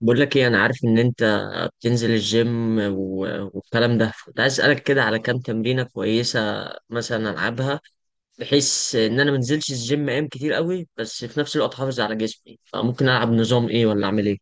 بقول لك ايه؟ انا عارف ان انت بتنزل الجيم والكلام ده. كنت عايز اسالك كده على كام تمرينه كويسه مثلا العبها، بحيث ان انا منزلش الجيم ايام كتير قوي بس في نفس الوقت احافظ على جسمي. فممكن العب نظام ايه، ولا اعمل ايه؟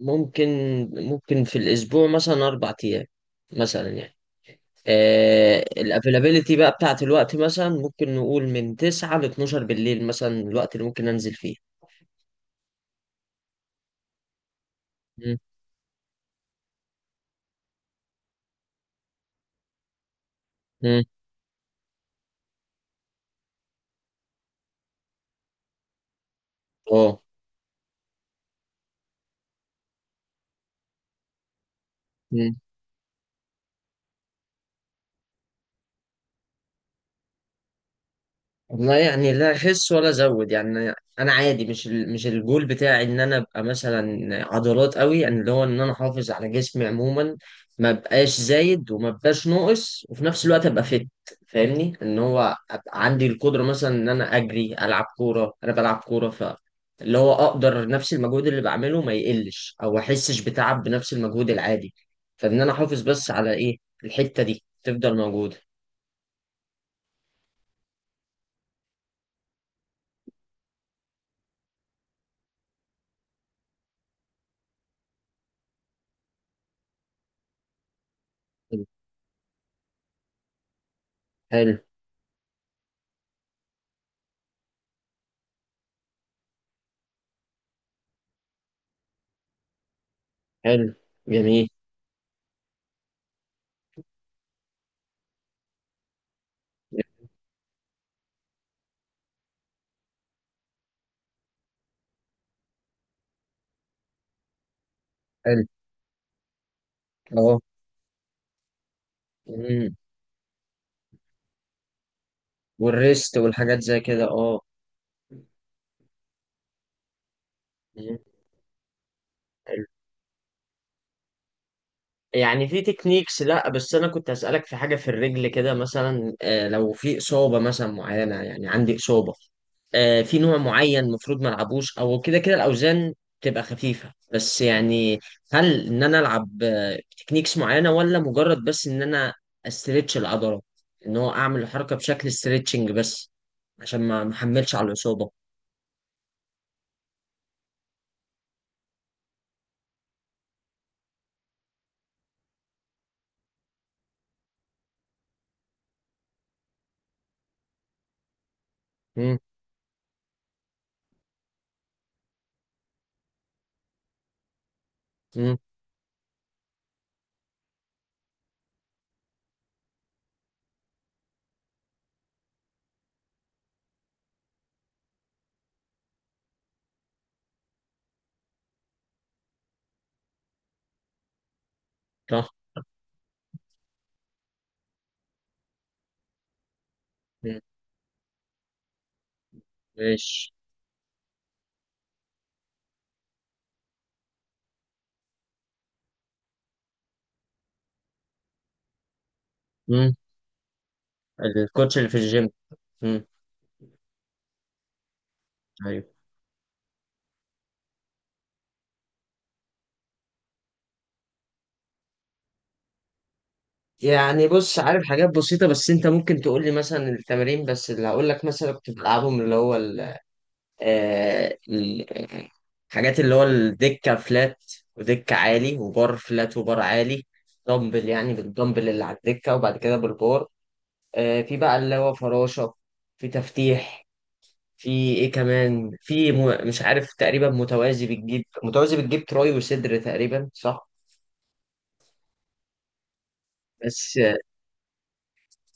ممكن ممكن في الاسبوع مثلا اربع ايام مثلا يعني. الافيلابيليتي بقى بتاعت الوقت، مثلا ممكن نقول من 9 ل 12 بالليل مثلا، الوقت اللي ممكن انزل فيه. مم. مم. اه. والله يعني لا اخس ولا ازود يعني، انا عادي. مش الجول بتاعي ان انا ابقى مثلا عضلات قوي، يعني اللي هو ان انا احافظ على جسمي عموما، ما بقاش زايد وما بقاش ناقص، وفي نفس الوقت ابقى فاهمني ان هو ابقى عندي القدره مثلا ان انا اجري، العب كوره. انا بلعب كوره اللي هو اقدر نفس المجهود اللي بعمله ما يقلش، او احسش بتعب بنفس المجهود العادي. فان انا احافظ بس على ايه؟ الحته دي تفضل موجوده. حلو. حلو. جميل. حلو. اه. مم. والريست والحاجات زي كده، اه. مم. حلو. يعني في تكنيكس لا بس انا كنت اسالك في حاجه في الرجل كده مثلا لو في اصابه مثلا معينه، يعني عندي اصابه في نوع معين المفروض ما العبوش، او كده كده الاوزان تبقى خفيفه بس يعني. هل ان انا العب تكنيكس معينه، ولا مجرد بس ان انا استرتش العضله، ان هو اعمل الحركه بشكل استرتشنج بس، عشان ما احملش على الاصابه؟ امم. امم. صح. ماشي. مم. الكوتش اللي في الجيم. مم. ايوه. يعني بص، عارف حاجات بسيطة. بس انت ممكن تقول لي مثلا التمارين بس. اللي هقول لك مثلا كنت بلعبهم، اللي هو ال آه، ال- الحاجات اللي هو الدكة فلات، ودكة عالي، وبار فلات، وبار عالي. دمبل يعني، بالدمبل اللي على الدكة، وبعد كده بالبار. في بقى اللي هو فراشة. في تفتيح. في ايه كمان؟ في مش عارف، تقريبا متوازي، بتجيب تراي وصدر تقريبا، صح؟ بس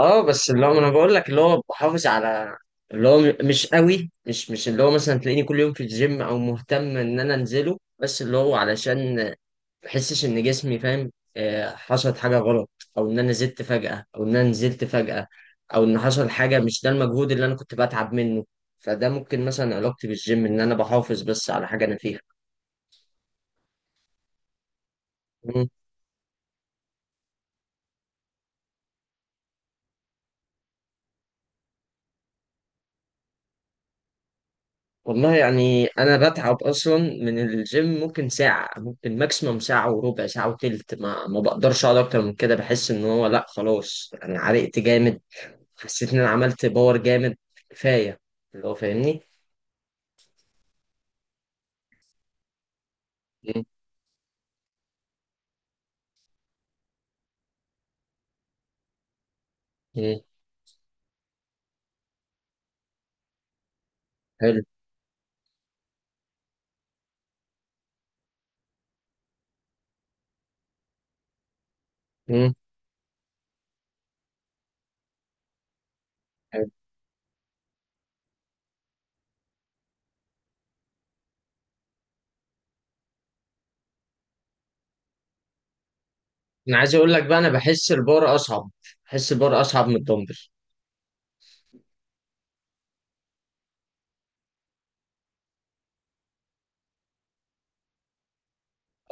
اه بس اللي هو انا بقول لك اللي هو بحافظ على، اللي هو مش قوي. مش اللي هو مثلا تلاقيني كل يوم في الجيم، او مهتم ان انا انزله. بس اللي هو علشان ما احسش ان جسمي، فاهم، حصلت حاجه غلط، او ان انا زدت فجاه، او ان انا نزلت فجاه، او ان حصل حاجه مش ده المجهود اللي انا كنت بتعب منه. فده ممكن مثلا علاقتي بالجيم، ان انا بحافظ بس على حاجه انا فيها. والله يعني انا بتعب اصلا من الجيم. ممكن ساعه، ممكن ماكسيموم ساعه وربع، ساعه وتلت، ما بقدرش اقعد اكتر من كده. بحس ان هو لا خلاص، انا عرقت جامد، حسيت ان انا عملت باور جامد، كفايه. اللي هو فاهمني. مم. مم. حلو. مم. حلو. انا عايز اقول لك بقى، انا بحس البار اصعب. بحس البار اصعب من الدمبل.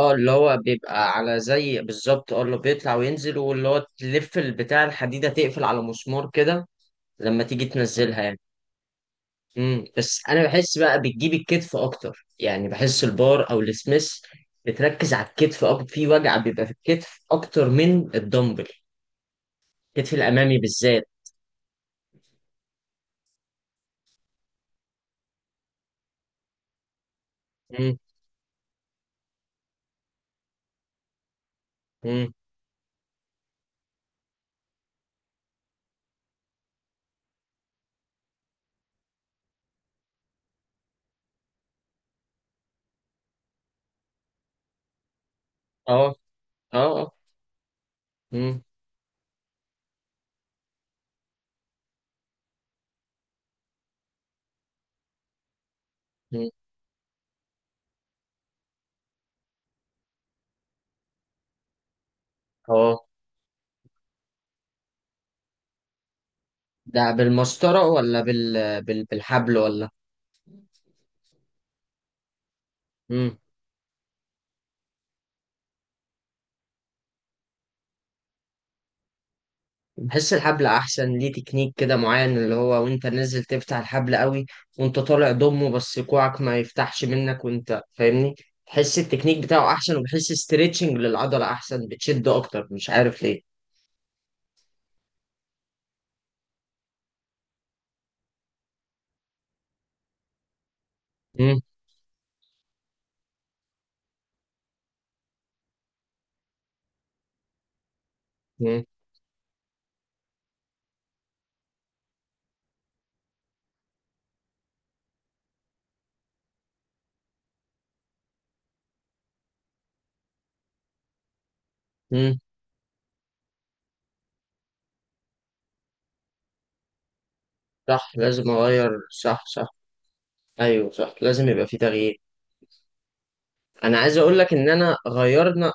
اه اللي هو بيبقى على زي بالظبط، اللي بيطلع وينزل، واللي هو تلف البتاع، الحديده تقفل على مسمار كده، لما تيجي تنزلها يعني. مم. بس انا بحس بقى بتجيب الكتف اكتر، يعني بحس البار او السميث بتركز على الكتف اكتر. في وجع بيبقى في الكتف اكتر من الدمبل، الكتف الامامي بالذات. مم. مم. اه. اه. اه. مم. مم. اه. ده بالمسطره، ولا بالحبل، ولا؟ مم. بحس الحبل احسن، ليه تكنيك كده معين، اللي هو وانت نازل تفتح الحبل قوي، وانت طالع ضمه، بس كوعك ما يفتحش منك، وانت فاهمني؟ بحس التكنيك بتاعه احسن، وبحس استريتشنج للعضلة احسن، بتشد اكتر، مش عارف ليه. مم. مم. مم. صح، لازم اغير. صح. صح. ايوه صح، لازم يبقى في تغيير. انا عايز اقول لك ان انا غيرنا.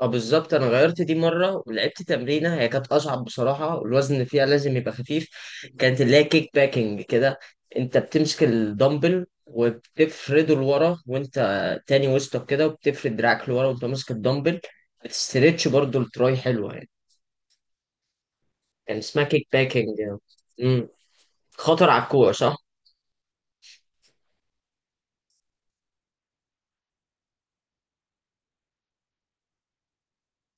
بالظبط. انا غيرت دي مره ولعبت تمرينه، هي كانت اصعب بصراحه، والوزن فيها لازم يبقى خفيف. كانت اللي هي كيك باكينج كده. انت بتمسك الدمبل وبتفرده لورا، وانت تاني وسطك كده، وبتفرد دراعك لورا وانت ماسك الدمبل. بتستريتش برضو التراي، حلوه يعني. كان اسمها كيك باكينج. امم. خطر على الكوع، صح؟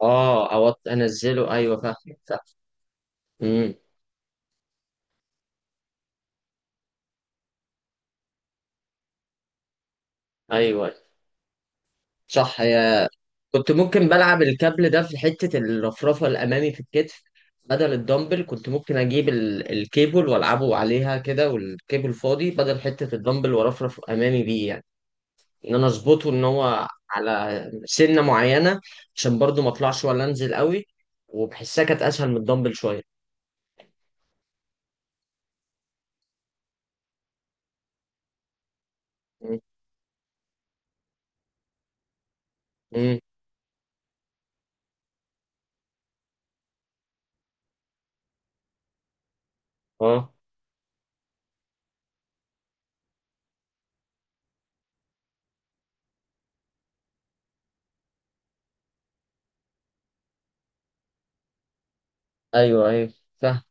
اه، او انزله، ايوه فاهم. فاهم. امم. ايوه صح، هي. كنت ممكن بلعب الكابل ده في حتة الرفرفة الأمامي في الكتف، بدل الدمبل. كنت ممكن أجيب الكيبل وألعبه عليها كده، والكيبل فاضي بدل حتة الدمبل، وأرفرف أمامي بيه يعني، إن أنا أظبطه إن هو على سنة معينة، عشان برضو ما أطلعش ولا أنزل قوي. وبحسها كانت أسهل من الدمبل شوية. م- م- أه أيوه. أيوه. فاهم.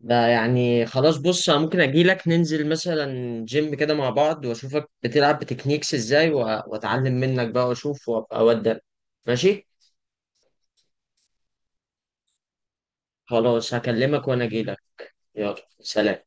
ده يعني خلاص، بص انا ممكن اجيلك، ننزل مثلا جيم كده مع بعض، واشوفك بتلعب بتكنيكس ازاي، واتعلم منك بقى واشوف، وابقى اودك. ماشي. خلاص هكلمك وانا اجيلك. يلا سلام.